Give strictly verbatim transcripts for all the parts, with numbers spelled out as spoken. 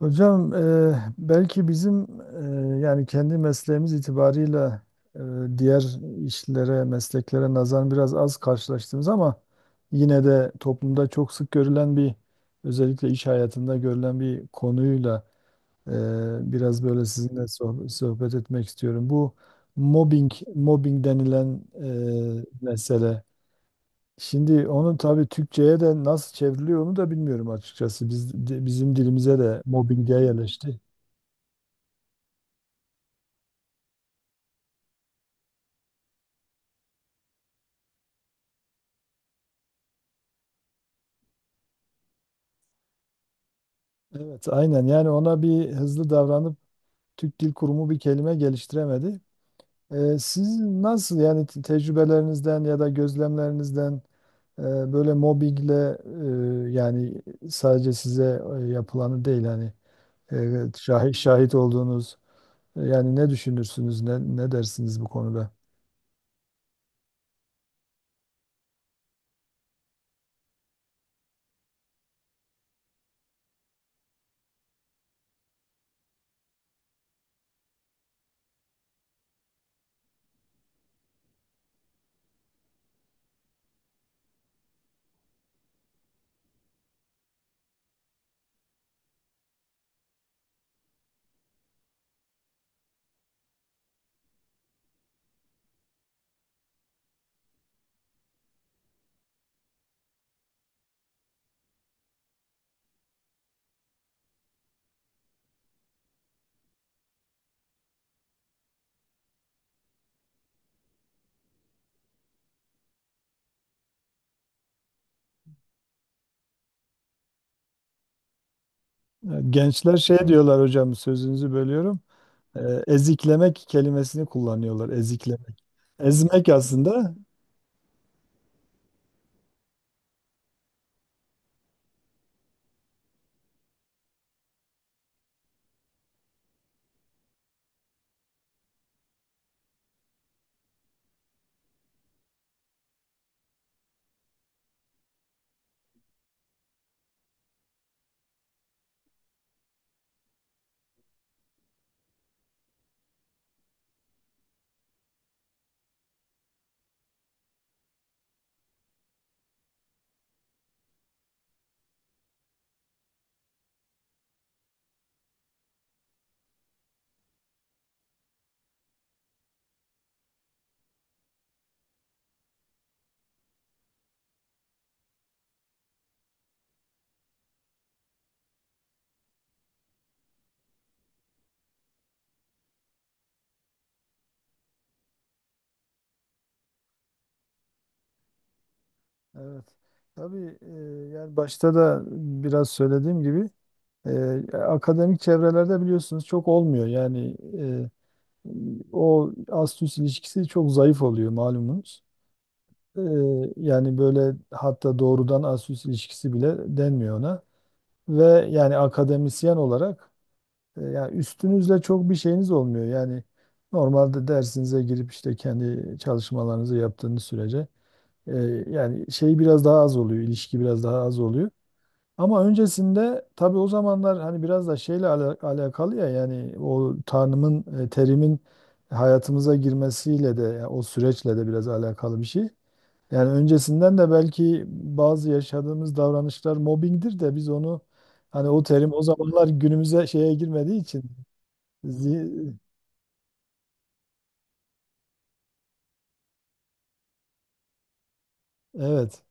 Hocam e, belki bizim e, yani kendi mesleğimiz itibarıyla e, diğer işlere, mesleklere nazaran biraz az karşılaştığımız ama yine de toplumda çok sık görülen bir, özellikle iş hayatında görülen bir konuyla e, biraz böyle sizinle sohb- sohbet etmek istiyorum. Bu mobbing, mobbing denilen e, mesele. Şimdi onu tabii Türkçe'ye de nasıl çevriliyor onu da bilmiyorum açıkçası. Biz, di- bizim dilimize de mobbing diye yerleşti. Evet, aynen. Yani ona bir hızlı davranıp Türk Dil Kurumu bir kelime geliştiremedi. Ee, siz nasıl yani te- tecrübelerinizden ya da gözlemlerinizden e, böyle mobbingle e, yani sadece size e, yapılanı değil, hani e, şahit şahit olduğunuz e, yani ne düşünürsünüz, ne, ne dersiniz bu konuda? E, Gençler şey diyorlar, hocam sözünüzü bölüyorum. E, eziklemek kelimesini kullanıyorlar. Eziklemek. Ezmek aslında. Evet. Tabii e, yani başta da biraz söylediğim gibi e, akademik çevrelerde biliyorsunuz çok olmuyor. Yani e, o ast-üst ilişkisi çok zayıf oluyor malumunuz. E, yani böyle hatta doğrudan ast-üst ilişkisi bile denmiyor ona. Ve yani akademisyen olarak e, yani üstünüzle çok bir şeyiniz olmuyor. Yani normalde dersinize girip işte kendi çalışmalarınızı yaptığınız sürece e, yani şey biraz daha az oluyor, ilişki biraz daha az oluyor. Ama öncesinde tabii o zamanlar hani biraz da şeyle ala- alakalı ya, yani o tanımın e, terimin hayatımıza girmesiyle de, yani o süreçle de biraz alakalı bir şey. Yani öncesinden de belki bazı yaşadığımız davranışlar mobbingdir de biz onu hani o terim o zamanlar günümüze şeye girmediği için. zi- evet.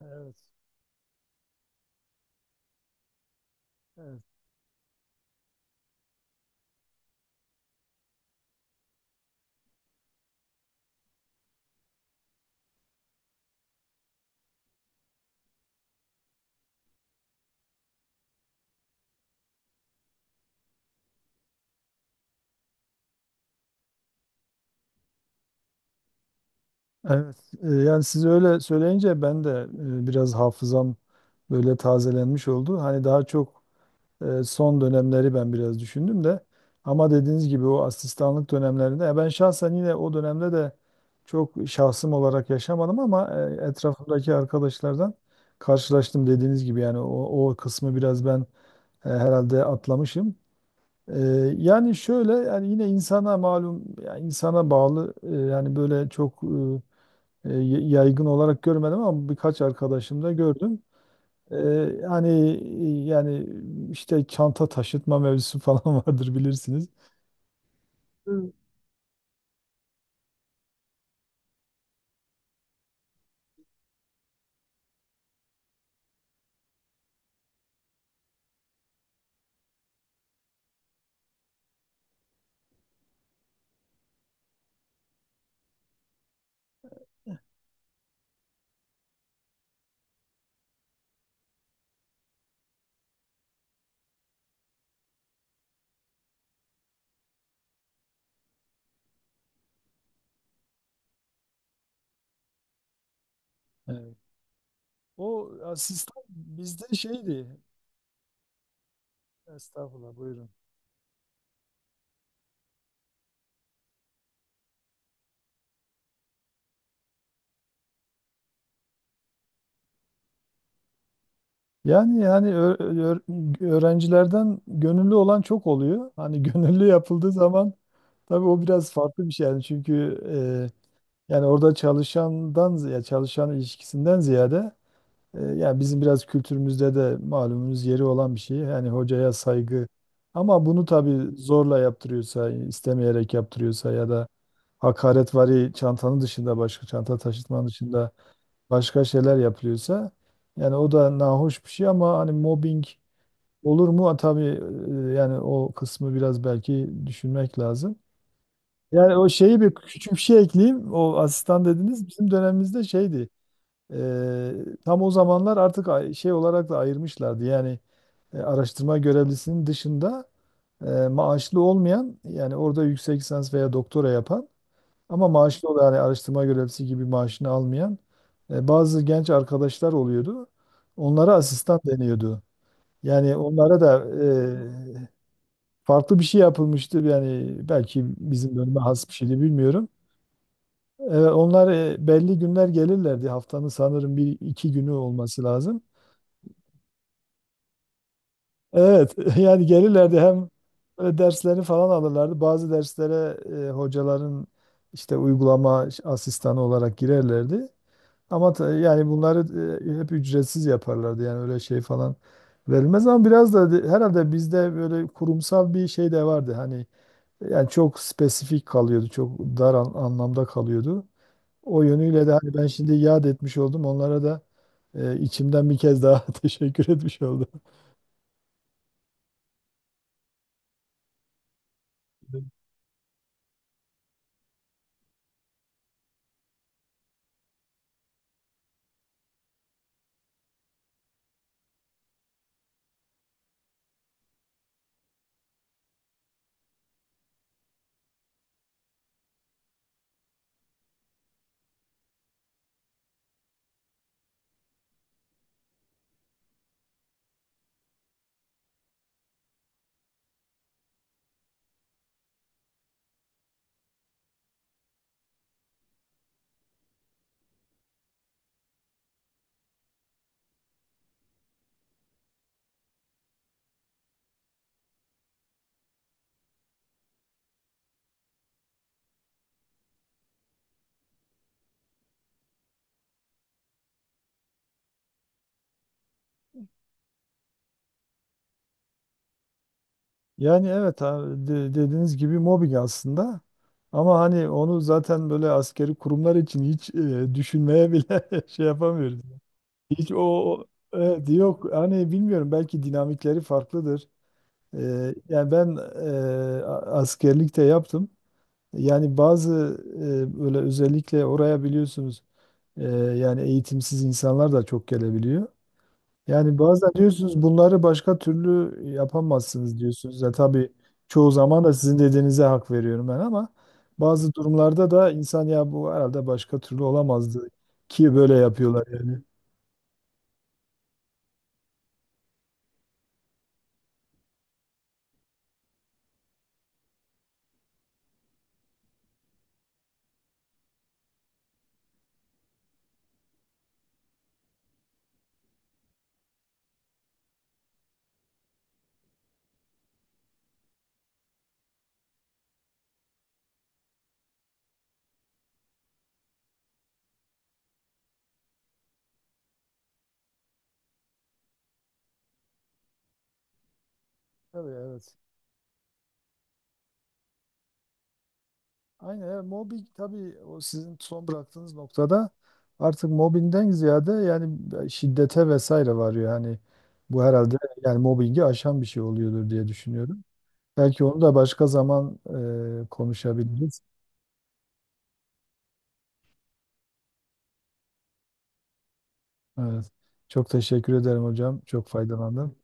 Evet, evet. Evet, e, yani siz öyle söyleyince ben de e, biraz hafızam böyle tazelenmiş oldu. Hani daha çok. E, son dönemleri ben biraz düşündüm de. Ama dediğiniz gibi o asistanlık dönemlerinde e, ben şahsen yine o dönemde de çok şahsım olarak yaşamadım ama e, etrafımdaki arkadaşlardan karşılaştım dediğiniz gibi, yani o, o kısmı biraz ben e, herhalde atlamışım. E, yani şöyle, yani yine insana malum, yani insana bağlı e, yani böyle çok e, e, yaygın olarak görmedim ama birkaç arkadaşım da gördüm. Ee, hani yani işte çanta taşıtma mevzusu falan vardır bilirsiniz. Hı. Evet. O asistan bizde şeydi. Estağfurullah, buyurun. Yani yani ö- ö- öğrencilerden gönüllü olan çok oluyor. Hani gönüllü yapıldığı zaman tabii o biraz farklı bir şey yani, çünkü e, yani orada çalışandan ya çalışan ilişkisinden ziyade, E, yani bizim biraz kültürümüzde de malumunuz yeri olan bir şey. Yani hocaya saygı. Ama bunu tabii zorla yaptırıyorsa, istemeyerek yaptırıyorsa ya da hakaretvari çantanın dışında, başka çanta taşıtmanın dışında başka şeyler yapılıyorsa, yani o da nahoş bir şey ama hani mobbing olur mu? Ha, tabii e, yani o kısmı biraz belki düşünmek lazım. Yani o şeyi bir küçük bir şey ekleyeyim. O asistan dediniz bizim dönemimizde şeydi. Eee, tam o zamanlar artık ay- şey olarak da ayırmışlardı. Yani e, araştırma görevlisinin dışında e, maaşlı olmayan, yani orada yüksek lisans veya doktora yapan ama maaşlı olan, yani araştırma görevlisi gibi maaşını almayan e, bazı genç arkadaşlar oluyordu. Onlara asistan deniyordu. Yani onlara da e, farklı bir şey yapılmıştı. Yani belki bizim bölüme has bir şeydi bilmiyorum. Evet, onlar e, belli günler gelirlerdi. Haftanın sanırım bir iki günü olması lazım. Evet, yani gelirlerdi, hem böyle derslerini falan alırlardı. Bazı derslere e, hocaların işte uygulama asistanı olarak girerlerdi. Ama ta- yani bunları e, hep ücretsiz yaparlardı. Yani öyle şey falan verilmez ama biraz da de- herhalde bizde böyle kurumsal bir şey de vardı. Hani yani çok spesifik kalıyordu, çok dar an- anlamda kalıyordu. O yönüyle de hani ben şimdi yad etmiş oldum. Onlara da e, içimden bir kez daha teşekkür etmiş oldum. Yani evet, ha, de- dediğiniz gibi mobbing aslında. Ama hani onu zaten böyle askeri kurumlar için hiç e, düşünmeye bile şey yapamıyoruz. Hiç o o- evet, yok hani bilmiyorum belki dinamikleri farklıdır. E, yani ben e, a- askerlikte yaptım. Yani bazı e, böyle özellikle oraya biliyorsunuz e, yani eğitimsiz insanlar da çok gelebiliyor. Yani bazen diyorsunuz bunları başka türlü yapamazsınız diyorsunuz. Ya tabii çoğu zaman da sizin dediğinize hak veriyorum ben ama bazı durumlarda da insan ya bu herhalde başka türlü olamazdı ki böyle yapıyorlar yani. Tabii, evet. Aynen, evet. Mobbing tabii o sizin son bıraktığınız noktada artık mobbingden ziyade yani şiddete vesaire varıyor. Yani bu herhalde yani mobbingi aşan bir şey oluyordur diye düşünüyorum. Belki onu da başka zaman e, konuşabiliriz. Evet. Çok teşekkür ederim hocam. Çok faydalandım.